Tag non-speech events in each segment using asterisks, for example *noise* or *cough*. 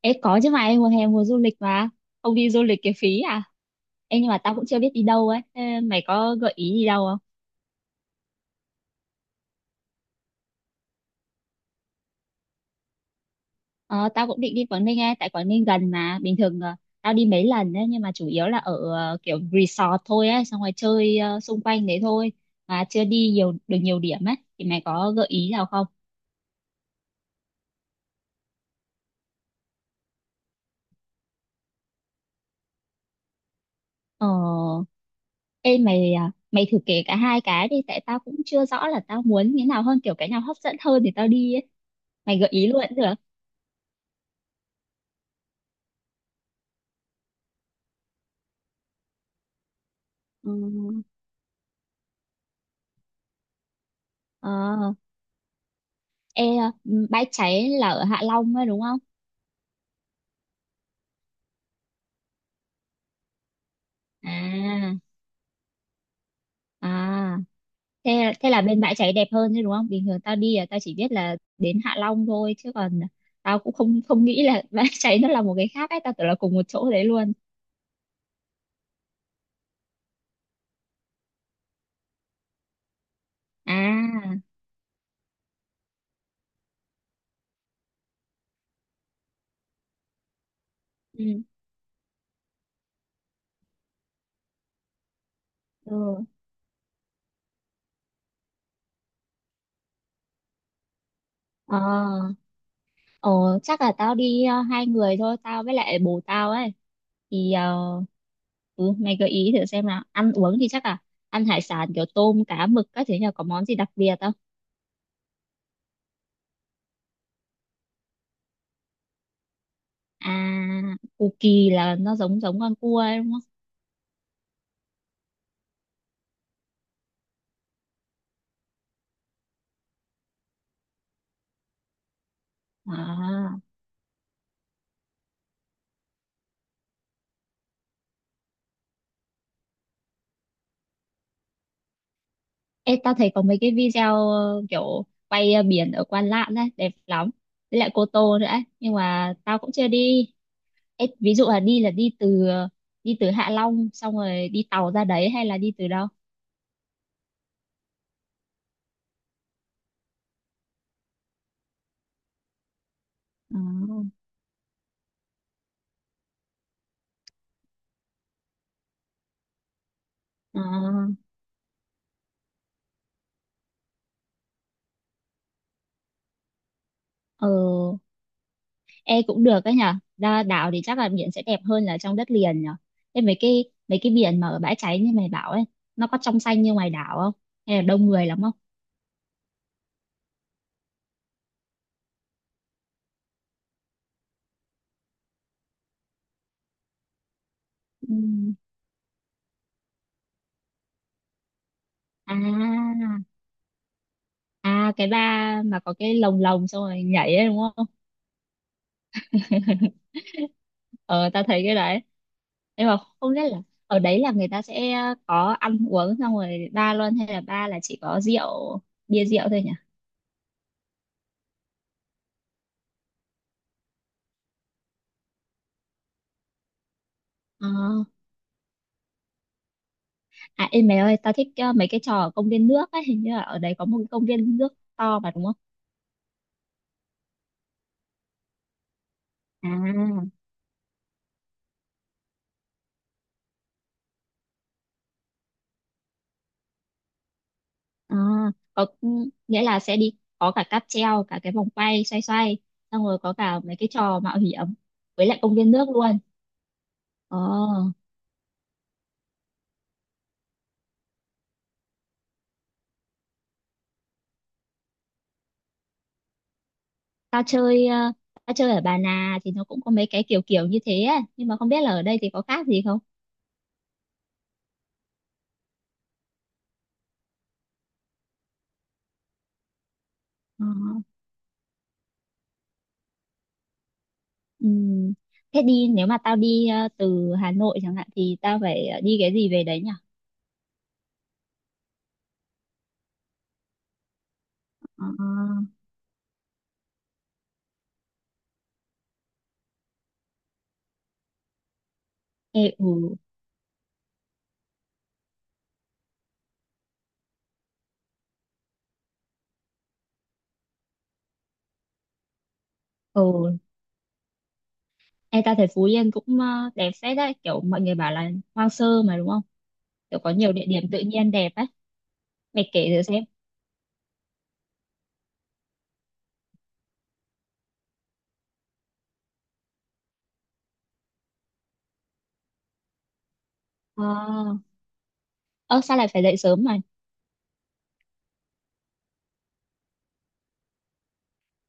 Ê, có chứ mà em, mùa hè mùa du lịch mà. Không đi du lịch cái phí à. Em, nhưng mà tao cũng chưa biết đi đâu ấy. Ê, mày có gợi ý gì đâu không? Ờ, tao cũng định đi Quảng Ninh ấy. Tại Quảng Ninh gần mà. Bình thường tao đi mấy lần ấy. Nhưng mà chủ yếu là ở kiểu resort thôi ấy. Xong rồi chơi xung quanh đấy thôi. Mà chưa đi nhiều được nhiều điểm ấy. Thì mày có gợi ý nào không? Ờ. Ê mày à, mày thử kể cả hai cái đi. Tại tao cũng chưa rõ là tao muốn như nào hơn. Kiểu cái nào hấp dẫn hơn thì tao đi ấy. Mày gợi ý luôn cũng được. Ừ. Ờ. Ê, ừ, bãi cháy là ở Hạ Long ấy đúng không? À, à, thế thế là bên bãi cháy đẹp hơn chứ đúng không? Bình thường tao đi là tao chỉ biết là đến Hạ Long thôi, chứ còn tao cũng không không nghĩ là *laughs* bãi cháy nó là một cái khác ấy, tao tưởng là cùng một chỗ đấy luôn. À, ừ, ừ. Ờ, ờ, chắc là tao đi hai người thôi, tao với lại bồ tao ấy. Thì ừ, mày gợi ý thử xem nào. Ăn uống thì chắc là ăn hải sản kiểu tôm, cá, mực các thứ nhờ, có món gì đặc biệt không? À, cù kỳ là nó giống giống con cua ấy đúng không? À, ê, tao thấy có mấy cái video kiểu quay biển ở Quan Lạn đấy, đẹp lắm. Với lại Cô Tô nữa ấy. Nhưng mà tao cũng chưa đi. Ê, ví dụ là đi từ ờ, đi từ Hạ Long xong rồi đi tàu ra đấy, hay là đi từ đâu? À, à, ờ, ê cũng được đấy nhở. Ra đảo thì chắc là biển sẽ đẹp hơn là trong đất liền nhở. Thế mấy cái biển mà ở bãi cháy như mày bảo ấy, nó có trong xanh như ngoài đảo không? Hay là đông người lắm không? Ừ. À, à, cái ba mà có cái lồng lồng xong rồi nhảy ấy đúng không? *laughs* Ờ, tao thấy cái đấy, nhưng mà không biết là ở đấy là người ta sẽ có ăn uống xong rồi ba luôn, hay là ba là chỉ có bia rượu thôi nhỉ. Ờ. À, ê mày ơi, tao thích mấy cái trò ở công viên nước ấy, hình như là ở đấy có một cái công viên nước to mà đúng không à? À, có, ừ, nghĩa là sẽ đi có cả cáp treo, cả cái vòng quay xoay xoay, xong rồi có cả mấy cái trò mạo hiểm với lại công viên nước luôn. ờ tao chơi ờ, Tao chơi ở Bà Nà thì nó cũng có mấy cái kiểu kiểu như thế á, nhưng mà không biết là ở đây thì có khác gì không. Ờ. Ừm. Thế nếu mà tao đi từ Hà Nội chẳng hạn thì tao phải đi cái gì về đấy nhỉ? Ờ. Ê, ừ, ừ. Ê, tao thấy Phú Yên cũng đẹp phết đấy, kiểu mọi người bảo là hoang sơ mà đúng không, kiểu có nhiều địa điểm tự nhiên đẹp á. Mày kể thử xem. Ờ, ơ sao lại phải dậy sớm mày?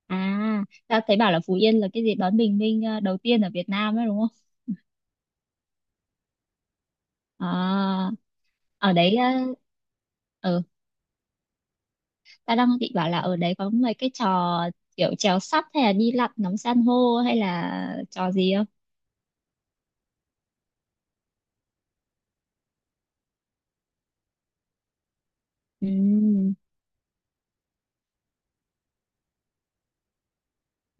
À, tao thấy bảo là Phú Yên là cái gì đón bình minh đầu tiên ở Việt Nam ấy đúng không? À, ở đấy ừ, tao đang định bảo là ở đấy có mấy cái trò kiểu trèo sắp hay là đi lặn ngắm san hô hay là trò gì không? Ừ,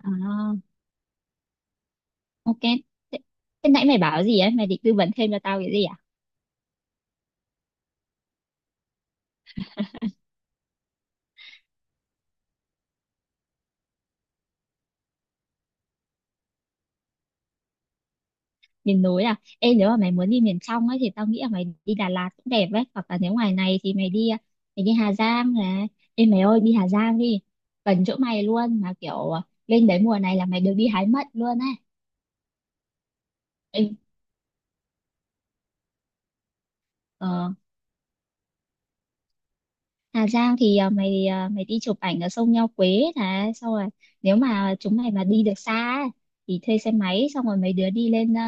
à, ok. Thế, nãy mày bảo gì ấy? Mày định tư vấn thêm cho tao cái gì à? Miền núi à? Ê, nếu mà mày muốn đi miền trong ấy thì tao nghĩ là mày đi Đà Lạt cũng đẹp ấy, hoặc là nếu ngoài này thì mày đi Hà Giang này. Ê mày ơi, đi Hà Giang đi, gần chỗ mày luôn mà, kiểu lên đấy mùa này là mày được đi hái mận luôn ấy. Ê, ờ, Hà Giang thì mày đi chụp ảnh ở sông Nho Quế này, xong rồi nếu mà chúng mày mà đi được xa ấy, thì thuê xe máy xong rồi mấy đứa đi lên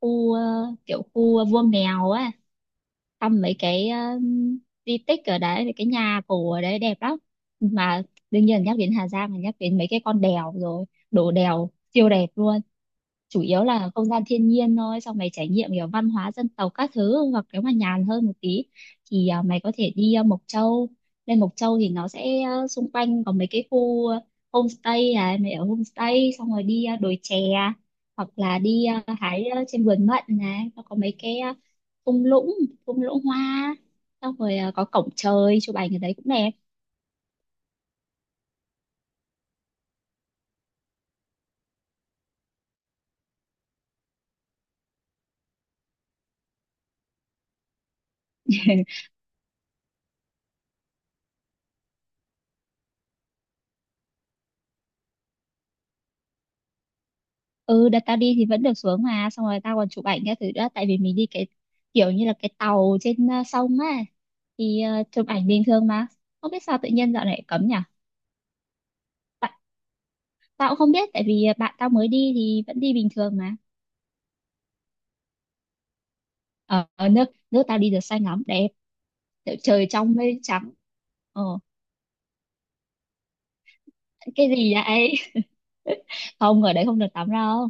khu kiểu khu Vua Mèo ấy, thăm mấy cái di tích ở đấy, mấy cái nhà cổ ở đấy đẹp lắm. Mà đương nhiên nhắc đến Hà Giang là nhắc đến mấy cái con đèo rồi, đổ đèo siêu đẹp luôn. Chủ yếu là không gian thiên nhiên thôi, xong mày trải nghiệm kiểu văn hóa dân tộc các thứ. Hoặc nếu mà nhàn hơn một tí thì mày có thể đi Mộc Châu. Lên Mộc Châu thì nó sẽ xung quanh có mấy cái khu homestay này, mày ở homestay xong rồi đi đồi chè, hoặc là đi hái trên vườn mận này, nó có mấy cái thung lũng thung lũng hoa, xong rồi có cổng trời chụp ảnh ở đấy cũng đẹp. *laughs* Ừ, đợt tao đi thì vẫn được xuống mà, xong rồi tao còn chụp ảnh các thứ nữa, tại vì mình đi cái kiểu như là cái tàu trên sông á, thì chụp ảnh bình thường mà. Không biết sao tự nhiên dạo này cấm nhỉ. Tại- Tao cũng không biết, tại vì bạn tao mới đi thì vẫn đi bình thường mà. Ở, ở nước nước tao đi được xanh lắm, đẹp, kiểu trời trong mây trắng. Ờ, cái gì vậy? *laughs* Không, ở đấy không được tắm đâu,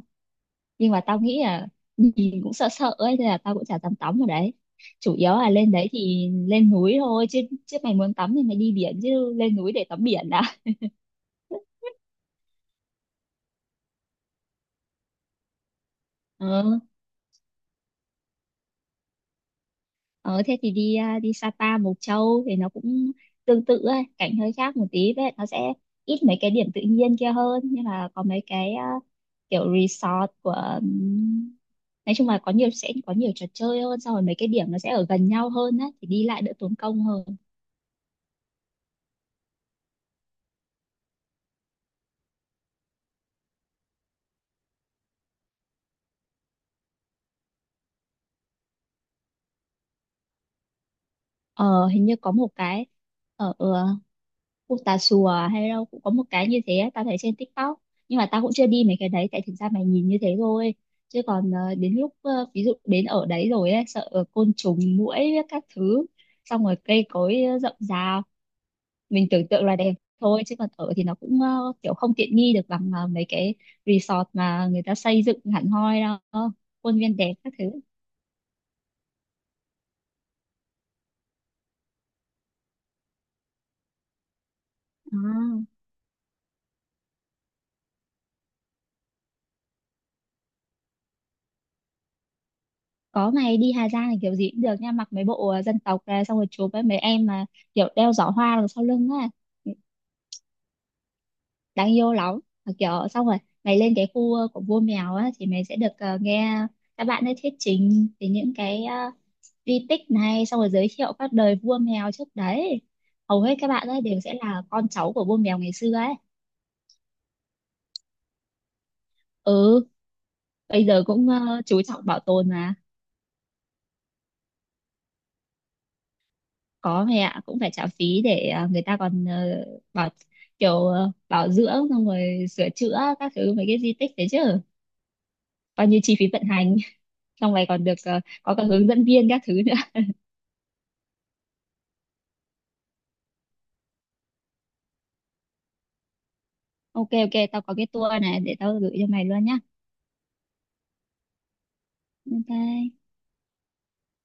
nhưng mà tao nghĩ là nhìn cũng sợ sợ ấy, nên là tao cũng chả dám tắm ở đấy. Chủ yếu là lên đấy thì lên núi thôi chứ. Chứ mày muốn tắm thì mày đi biển, chứ lên núi để tắm biển đã. *laughs* Ờ, ờ, thế thì đi Sapa, Mộc Châu thì nó cũng tương tự ấy, cảnh hơi khác một tí. Vậy nó sẽ ít mấy cái điểm tự nhiên kia hơn, nhưng mà có mấy cái kiểu resort của nói chung là có nhiều sẽ có nhiều trò chơi hơn, xong rồi mấy cái điểm nó sẽ ở gần nhau hơn á, thì đi lại đỡ tốn công hơn. Ờ, hình như có một cái ở khu Tà Xùa hay đâu cũng có một cái như thế á, tao thấy trên TikTok. Nhưng mà tao cũng chưa đi mấy cái đấy, tại thực ra mày nhìn như thế thôi, chứ còn đến lúc ví dụ đến ở đấy rồi ấy, sợ côn trùng muỗi các thứ, xong rồi cây cối rậm rạp. Mình tưởng tượng là đẹp thôi, chứ còn ở thì nó cũng kiểu không tiện nghi được bằng mấy cái resort mà người ta xây dựng hẳn hoi đâu, khuôn viên đẹp các thứ. À. Có, mày đi Hà Giang thì kiểu gì cũng được nha, mặc mấy bộ dân tộc ra, xong rồi chụp với mấy em mà kiểu đeo giỏ hoa đằng sau lưng á, đáng yêu lắm. Mà kiểu xong rồi mày lên cái khu của vua mèo á, thì mày sẽ được nghe các bạn ấy thuyết trình về những cái di tích này, xong rồi giới thiệu các đời vua mèo trước đấy. Hầu hết các bạn ấy đều sẽ là con cháu của vua mèo ngày xưa ấy. Ừ, bây giờ cũng chú trọng bảo tồn. Có mẹ ạ, cũng phải trả phí để người ta còn bảo kiểu bảo dưỡng xong rồi sửa chữa các thứ mấy cái di tích đấy chứ, coi như chi phí vận hành. *laughs* Xong này còn được có cả hướng dẫn viên các thứ nữa. *laughs* Ok ok, tao có cái tour này để tao gửi cho mày luôn nhá. Ok.